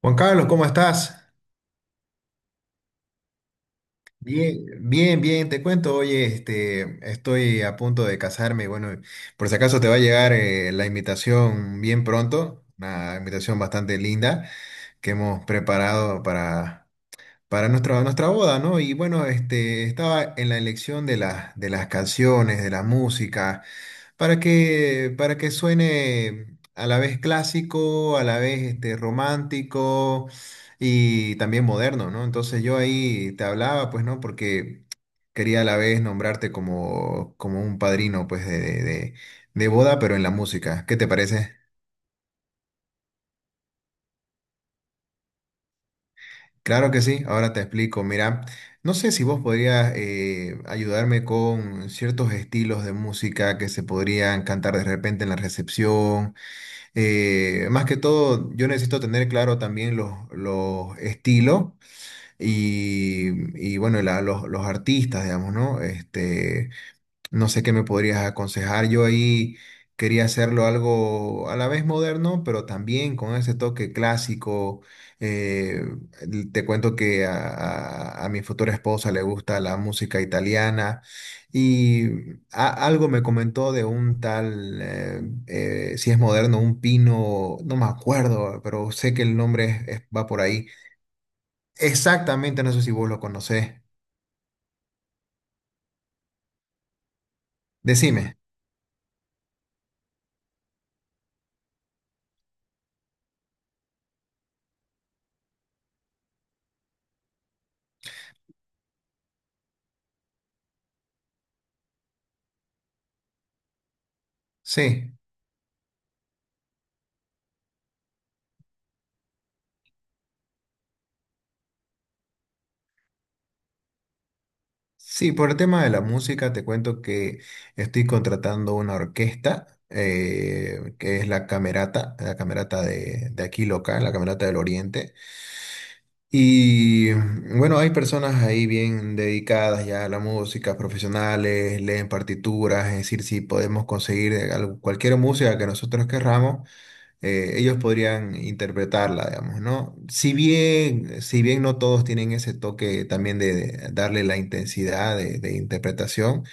Juan Carlos, ¿cómo estás? Bien, bien, bien, te cuento, oye, estoy a punto de casarme, bueno, por si acaso te va a llegar la invitación bien pronto, una invitación bastante linda que hemos preparado para nuestra boda, ¿no? Y bueno, estaba en la elección de de las canciones, de la música. Para que suene a la vez clásico, a la vez romántico y también moderno, ¿no? Entonces yo ahí te hablaba, pues, ¿no? Porque quería a la vez nombrarte como un padrino, pues, de boda, pero en la música. ¿Qué te parece? Claro que sí, ahora te explico. Mira, no sé si vos podrías ayudarme con ciertos estilos de música que se podrían cantar de repente en la recepción. Más que todo, yo necesito tener claro también los estilos y, bueno, los artistas, digamos, ¿no? Este, no sé qué me podrías aconsejar. Yo ahí quería hacerlo algo a la vez moderno, pero también con ese toque clásico. Eh, te cuento que a mi futura esposa le gusta la música italiana y algo me comentó de un tal, si es moderno, un pino, no me acuerdo, pero sé que el nombre va por ahí. Exactamente, no sé si vos lo conocés. Decime, sí. Sí, por el tema de la música, te cuento que estoy contratando una orquesta, que es la Camerata de aquí local, la Camerata del Oriente. Y bueno, hay personas ahí bien dedicadas ya a la música, profesionales, leen partituras, es decir, si podemos conseguir cualquier música que nosotros querramos, ellos podrían interpretarla, digamos, ¿no? Si bien, si bien no todos tienen ese toque también de darle la intensidad de interpretación,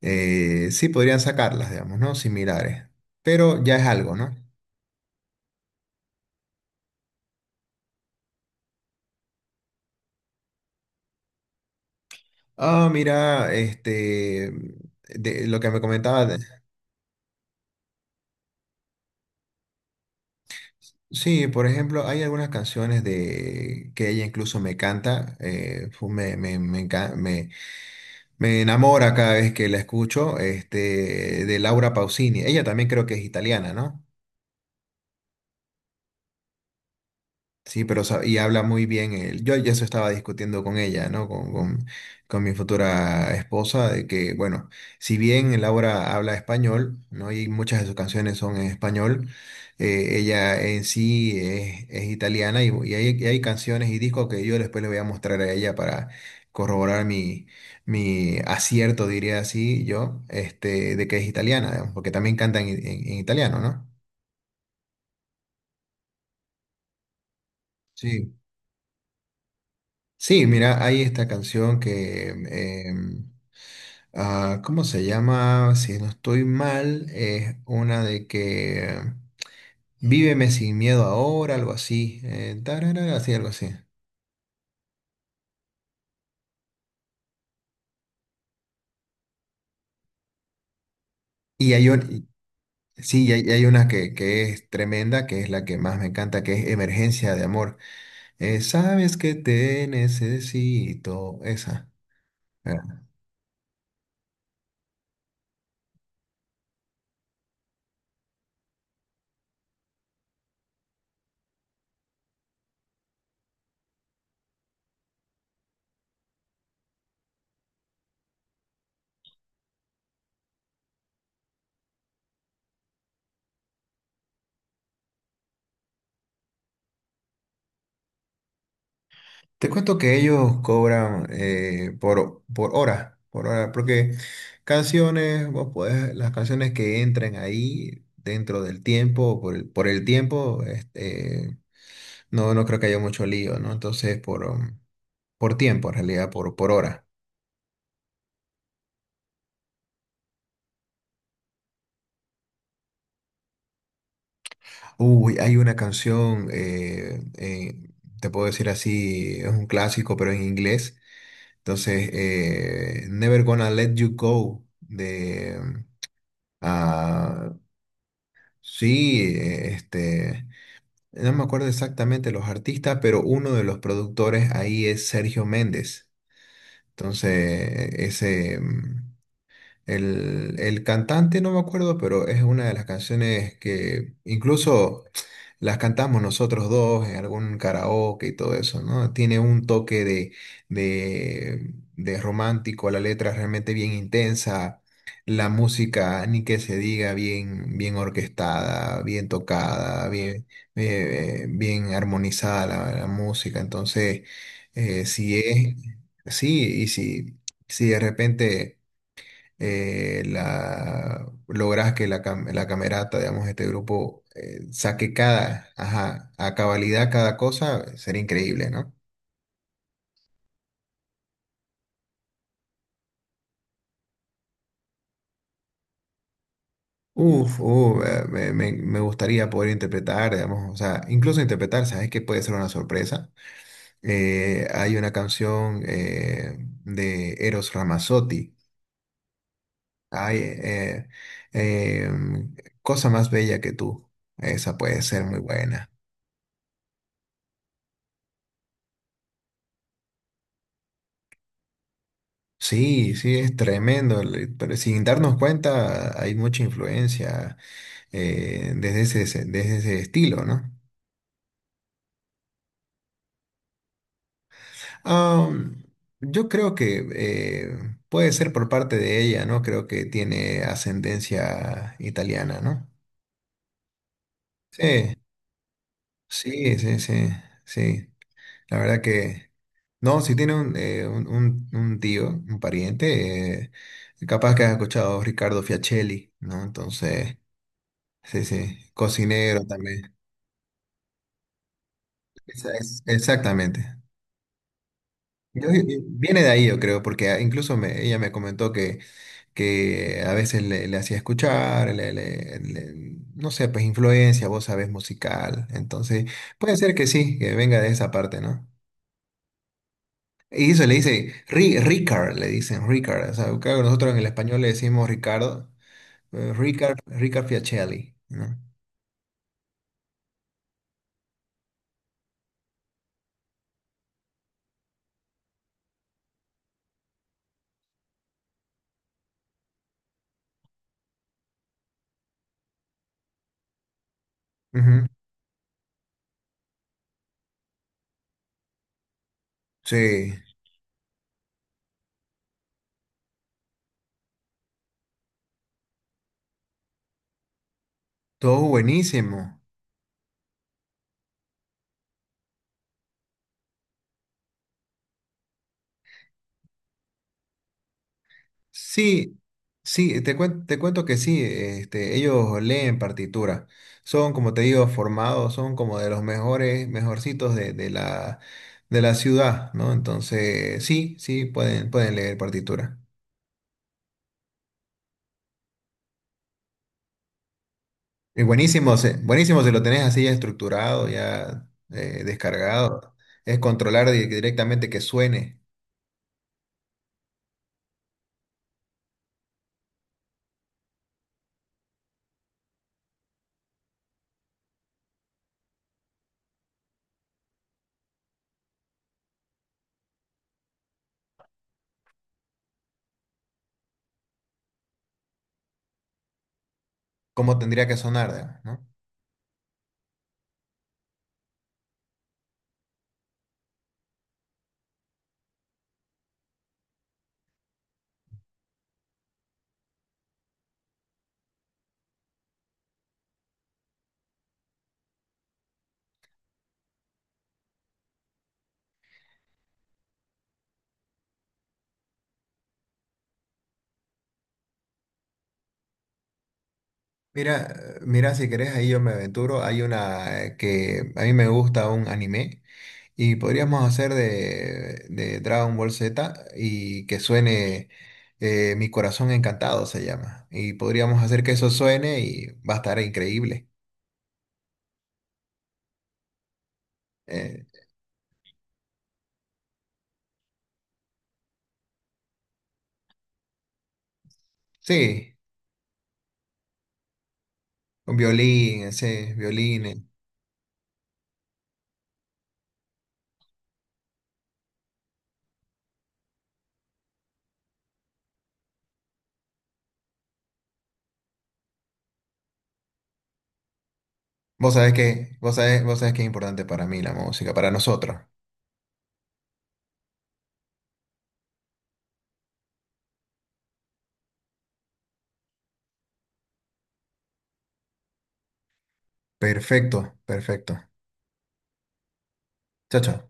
sí podrían sacarlas, digamos, ¿no? Similares, pero ya es algo, ¿no? Ah, mira, este, de lo que me comentaba, sí, por ejemplo, hay algunas canciones de que ella incluso me canta, me enamora cada vez que la escucho, este, de Laura Pausini. Ella también creo que es italiana, ¿no? Sí, pero y habla muy bien él. Yo ya eso estaba discutiendo con ella, ¿no? Con con mi futura esposa, de que, bueno, si bien Laura habla español, ¿no? Y muchas de sus canciones son en español, ella en sí es italiana y hay canciones y discos que yo después le voy a mostrar a ella para corroborar mi acierto, diría así yo, este, de que es italiana, digamos, porque también canta en en italiano, ¿no? Sí. Sí, mira, hay esta canción que, ah, ¿cómo se llama? Si no estoy mal, es una de que Víveme sin miedo ahora, algo así, tararara, así, algo así. Y hay, sí, y hay una que es tremenda, que es la que más me encanta, que es Emergencia de Amor. Sabes que te necesito, esa. Te cuento que ellos cobran por hora, porque canciones, las canciones que entren ahí dentro del tiempo, por el tiempo, este, no, no creo que haya mucho lío, ¿no? Entonces, por tiempo, en realidad, por hora. Uy, hay una canción, te puedo decir así, es un clásico, pero en inglés. Entonces, Never Gonna Let You Go, de... Sí, este, no me acuerdo exactamente los artistas, pero uno de los productores ahí es Sergio Méndez. Entonces, ese, mm, el cantante no me acuerdo, pero es una de las canciones que incluso las cantamos nosotros dos en algún karaoke y todo eso, ¿no? Tiene un toque de romántico, la letra es realmente bien intensa, la música, ni que se diga, bien, bien orquestada, bien tocada, bien, bien armonizada la música. Entonces, eh, si es, sí, y si, si de repente la, logras que la, cam- la camerata, digamos, este grupo saque cada, ajá, a cabalidad cada cosa, sería increíble, ¿no? Me gustaría poder interpretar, digamos, o sea, incluso interpretar, ¿sabes que puede ser una sorpresa? Hay una canción de Eros Ramazzotti, hay eh, eh, em, Cosa más bella que tú, esa puede ser muy buena. Sí, sí, es tremendo, pero sin darnos cuenta hay mucha influencia desde ese estilo, ¿no? Am, yo creo que puede ser por parte de ella, ¿no? Creo que tiene ascendencia italiana, ¿no? Sí, sí, sí, sí, sí. La verdad que, no, si tiene un, un tío, un pariente, capaz que has escuchado Ricardo Fiacelli, ¿no? Entonces... Sí, sí, cocinero también. Exactamente. Viene de ahí, yo creo, porque ah, ella me comentó que a veces le hacía escuchar, no sé, pues influencia, vos sabés, musical. Entonces, puede ser que sí, que venga de esa parte, ¿no? Y eso le dice, Ricard, le dicen, Ricard. O sea, claro, nosotros en el español le decimos Ricardo, Ricard, Ricard Fiacelli, ¿no? Ujú. Sí, todo buenísimo. Sí, sí, te cuento que sí, este, ellos leen partitura, son como te digo, formados, son como de los mejores, mejorcitos de la ciudad, ¿no? Entonces, sí, sí, pueden, pueden leer partitura. Y buenísimo, buenísimo si lo tenés así ya estructurado, ya descargado, es controlar directamente que suene, cómo tendría que sonar, digamos, ¿no? Mira, mira, si querés, ahí yo me aventuro, hay una que a mí me gusta un anime. Y podríamos hacer de Dragon Ball Z y que suene Mi Corazón Encantado se llama. Y podríamos hacer que eso suene y va a estar increíble. Eh, sí, un violín, sí, violines. Vos sabés que es importante para mí la música, para nosotros. Perfecto, perfecto. Chao, chao.